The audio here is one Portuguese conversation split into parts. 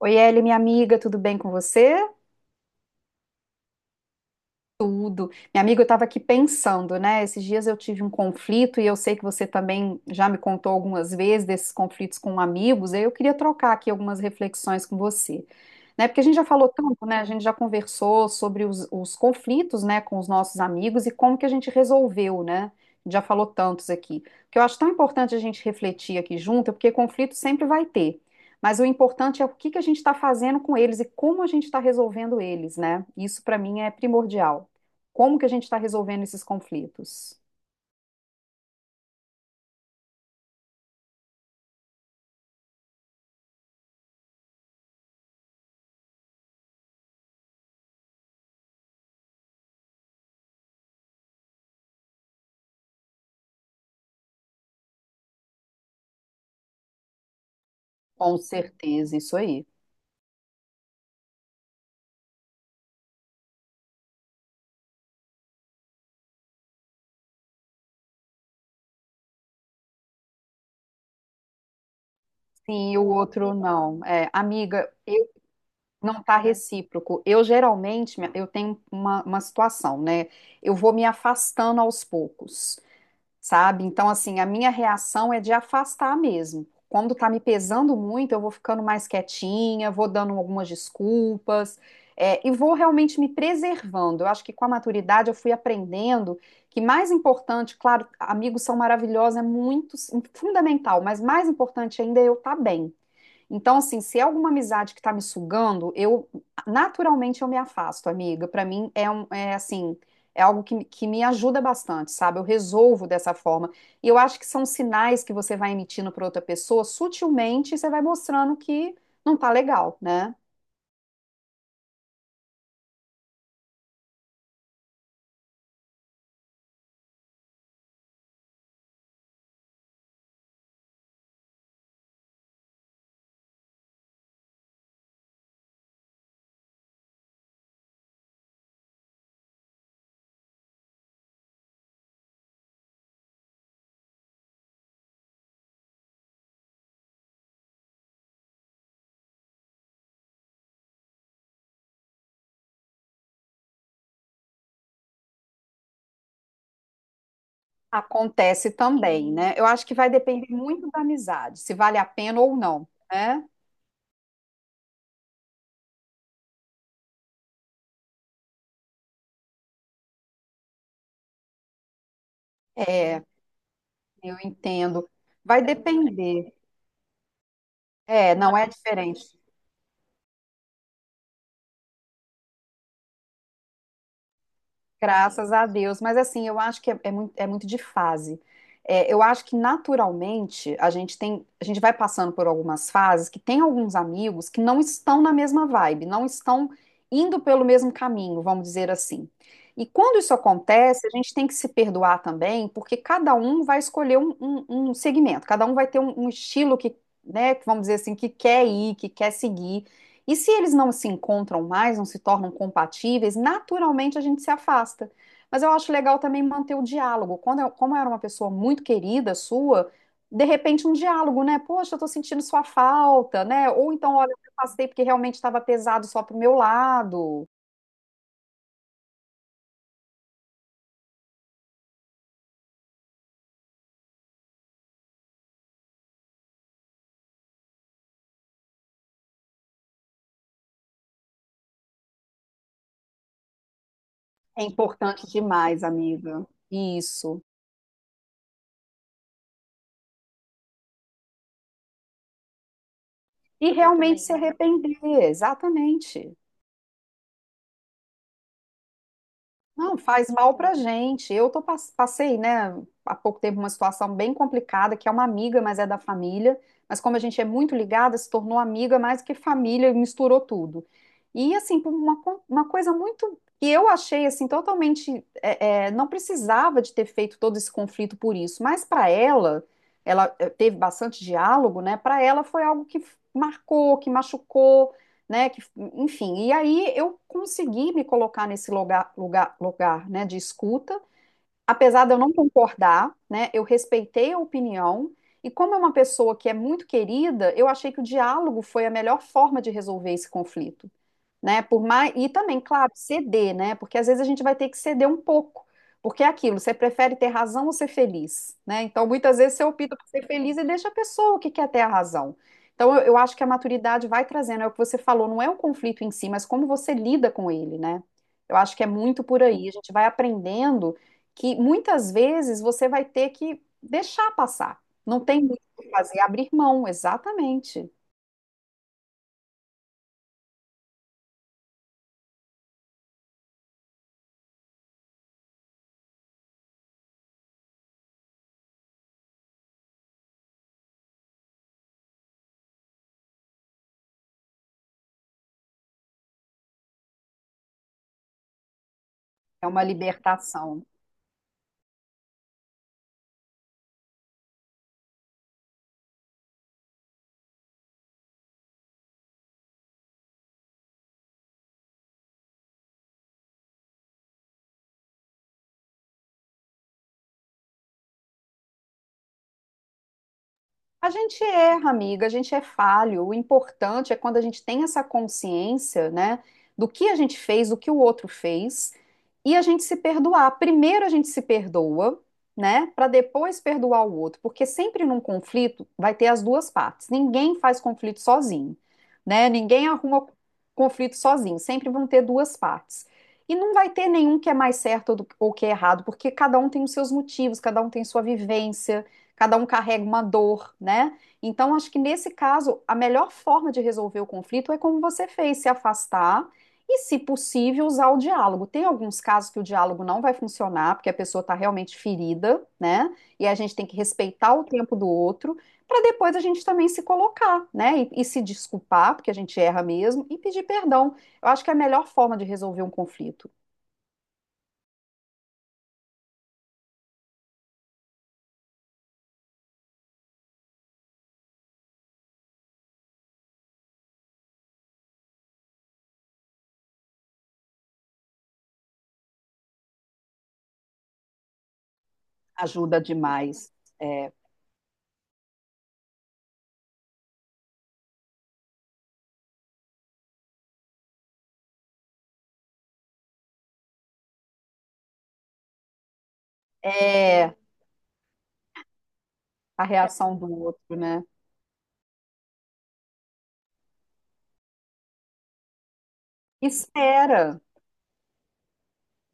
Oi, Eli, minha amiga, tudo bem com você? Tudo. Minha amiga, eu estava aqui pensando, né? Esses dias eu tive um conflito e eu sei que você também já me contou algumas vezes desses conflitos com amigos, e eu queria trocar aqui algumas reflexões com você, né? Porque a gente já falou tanto, né? A gente já conversou sobre os conflitos, né, com os nossos amigos e como que a gente resolveu, né? Já falou tantos aqui. O que eu acho tão importante a gente refletir aqui junto, é porque conflito sempre vai ter. Mas o importante é o que que a gente está fazendo com eles e como a gente está resolvendo eles, né? Isso para mim é primordial. Como que a gente está resolvendo esses conflitos? Com certeza, isso aí. Sim, e o outro não. É, amiga, eu não tá recíproco. Eu geralmente, eu tenho uma situação, né? Eu vou me afastando aos poucos, sabe? Então, assim, a minha reação é de afastar mesmo. Quando tá me pesando muito, eu vou ficando mais quietinha, vou dando algumas desculpas, e vou realmente me preservando. Eu acho que com a maturidade eu fui aprendendo que mais importante, claro, amigos são maravilhosos, é muito fundamental, mas mais importante ainda é eu estar bem. Então, assim, se é alguma amizade que tá me sugando, eu naturalmente eu me afasto, amiga. Pra mim é um, é assim, é algo que me ajuda bastante, sabe? Eu resolvo dessa forma. E eu acho que são sinais que você vai emitindo pra outra pessoa, sutilmente você vai mostrando que não tá legal, né? Acontece também, né? Eu acho que vai depender muito da amizade, se vale a pena ou não, né? É, eu entendo. Vai depender. É, não é diferente. Graças a Deus. Mas assim, eu acho que é muito, é muito de fase. É, eu acho que naturalmente a gente tem, a gente vai passando por algumas fases que tem alguns amigos que não estão na mesma vibe, não estão indo pelo mesmo caminho, vamos dizer assim. E quando isso acontece, a gente tem que se perdoar também, porque cada um vai escolher um, um segmento, cada um vai ter um, um estilo que, né, vamos dizer assim, que quer ir, que quer seguir. E se eles não se encontram mais, não se tornam compatíveis, naturalmente a gente se afasta. Mas eu acho legal também manter o diálogo. Como eu era uma pessoa muito querida sua, de repente um diálogo, né? Poxa, eu tô sentindo sua falta, né? Ou então, olha, eu me afastei porque realmente estava pesado só pro meu lado. É importante demais, amiga. Isso. E eu realmente também se também. Arrepender, exatamente. Não, faz mal pra gente. Eu tô, passei, né, há pouco tempo uma situação bem complicada, que é uma amiga, mas é da família. Mas como a gente é muito ligada, se tornou amiga mais do que família, e misturou tudo. E assim, por uma, uma coisa muito que eu achei assim totalmente, não precisava de ter feito todo esse conflito por isso. Mas para ela, ela teve bastante diálogo, né? Para ela foi algo que marcou, que machucou, né? Que, enfim, e aí eu consegui me colocar nesse lugar, né, de escuta, apesar de eu não concordar, né? Eu respeitei a opinião. E como é uma pessoa que é muito querida, eu achei que o diálogo foi a melhor forma de resolver esse conflito, né? Por mais e também, claro, ceder, né? Porque às vezes a gente vai ter que ceder um pouco, porque é aquilo, você prefere ter razão ou ser feliz, né? Então, muitas vezes você opta por ser feliz e deixa a pessoa que quer ter a razão. Então, eu acho que a maturidade vai trazendo, é o que você falou, não é o conflito em si, mas como você lida com ele, né? Eu acho que é muito por aí, a gente vai aprendendo que muitas vezes você vai ter que deixar passar. Não tem muito o que fazer, abrir mão, exatamente. É uma libertação. A gente erra, amiga, a gente é falho. O importante é quando a gente tem essa consciência, né, do que a gente fez, do que o outro fez, e a gente se perdoar. Primeiro a gente se perdoa, né, para depois perdoar o outro, porque sempre num conflito vai ter as duas partes. Ninguém faz conflito sozinho, né? Ninguém arruma conflito sozinho. Sempre vão ter duas partes. E não vai ter nenhum que é mais certo ou ou que é errado, porque cada um tem os seus motivos, cada um tem sua vivência, cada um carrega uma dor, né? Então, acho que nesse caso, a melhor forma de resolver o conflito é como você fez, se afastar e, se possível, usar o diálogo. Tem alguns casos que o diálogo não vai funcionar, porque a pessoa está realmente ferida, né? E a gente tem que respeitar o tempo do outro, para depois a gente também se colocar, né? E se desculpar, porque a gente erra mesmo, e pedir perdão. Eu acho que é a melhor forma de resolver um conflito. Ajuda demais. É, é a reação do outro, né? Espera.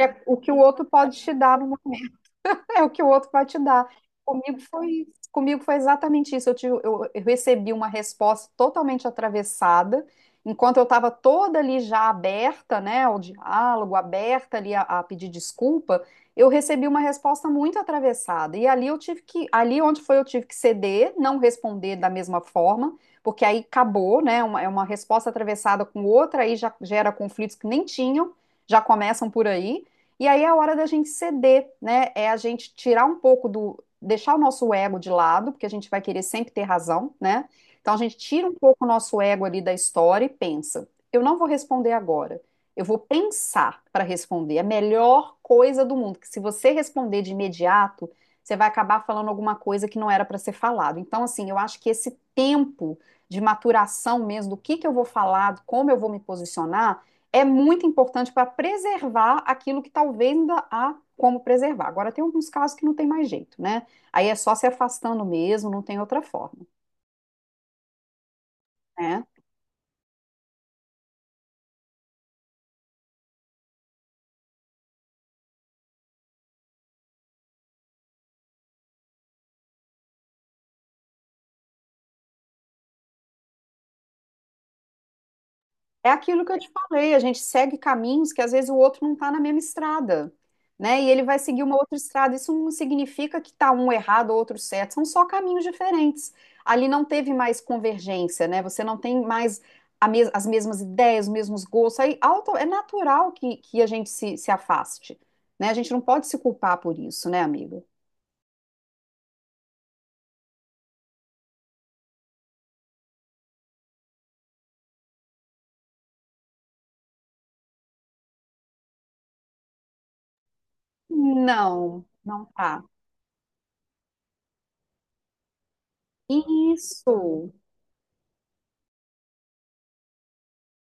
É o que o outro pode te dar no momento. É o que o outro vai te dar. Comigo foi exatamente isso. Eu recebi uma resposta totalmente atravessada, enquanto eu estava toda ali já aberta, né, ao diálogo, aberta ali a pedir desculpa, eu recebi uma resposta muito atravessada. E ali eu tive que, ali onde foi eu tive que ceder, não responder da mesma forma, porque aí acabou, né, é uma resposta atravessada com outra, aí já gera conflitos que nem tinham, já começam por aí. E aí é a hora da gente ceder, né? É a gente tirar um pouco do, deixar o nosso ego de lado, porque a gente vai querer sempre ter razão, né? Então a gente tira um pouco o nosso ego ali da história e pensa: eu não vou responder agora. Eu vou pensar para responder. É a melhor coisa do mundo, que se você responder de imediato, você vai acabar falando alguma coisa que não era para ser falado. Então, assim, eu acho que esse tempo de maturação mesmo, do que eu vou falar, como eu vou me posicionar, é muito importante para preservar aquilo que talvez ainda há como preservar. Agora, tem alguns casos que não tem mais jeito, né? Aí é só se afastando mesmo, não tem outra forma, né? É aquilo que eu te falei, a gente segue caminhos que às vezes o outro não está na mesma estrada, né? E ele vai seguir uma outra estrada. Isso não significa que está um errado, ou outro certo. São só caminhos diferentes. Ali não teve mais convergência, né? Você não tem mais a as mesmas ideias, os mesmos gostos. Aí é natural que a gente se afaste, né? A gente não pode se culpar por isso, né, amigo? Não, não tá. Isso.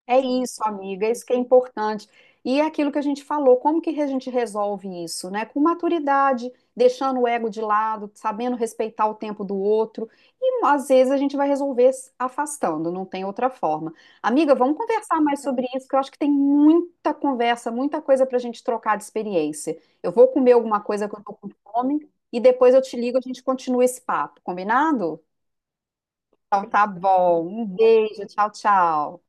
É isso, amiga, é isso que é importante. E é aquilo que a gente falou, como que a gente resolve isso, né? Com maturidade, deixando o ego de lado, sabendo respeitar o tempo do outro. E às vezes a gente vai resolver se afastando, não tem outra forma. Amiga, vamos conversar mais sobre isso, que eu acho que tem muita conversa, muita coisa para a gente trocar de experiência. Eu vou comer alguma coisa que eu tô com fome e depois eu te ligo, a gente continua esse papo, combinado? Então tá bom. Um beijo, tchau, tchau.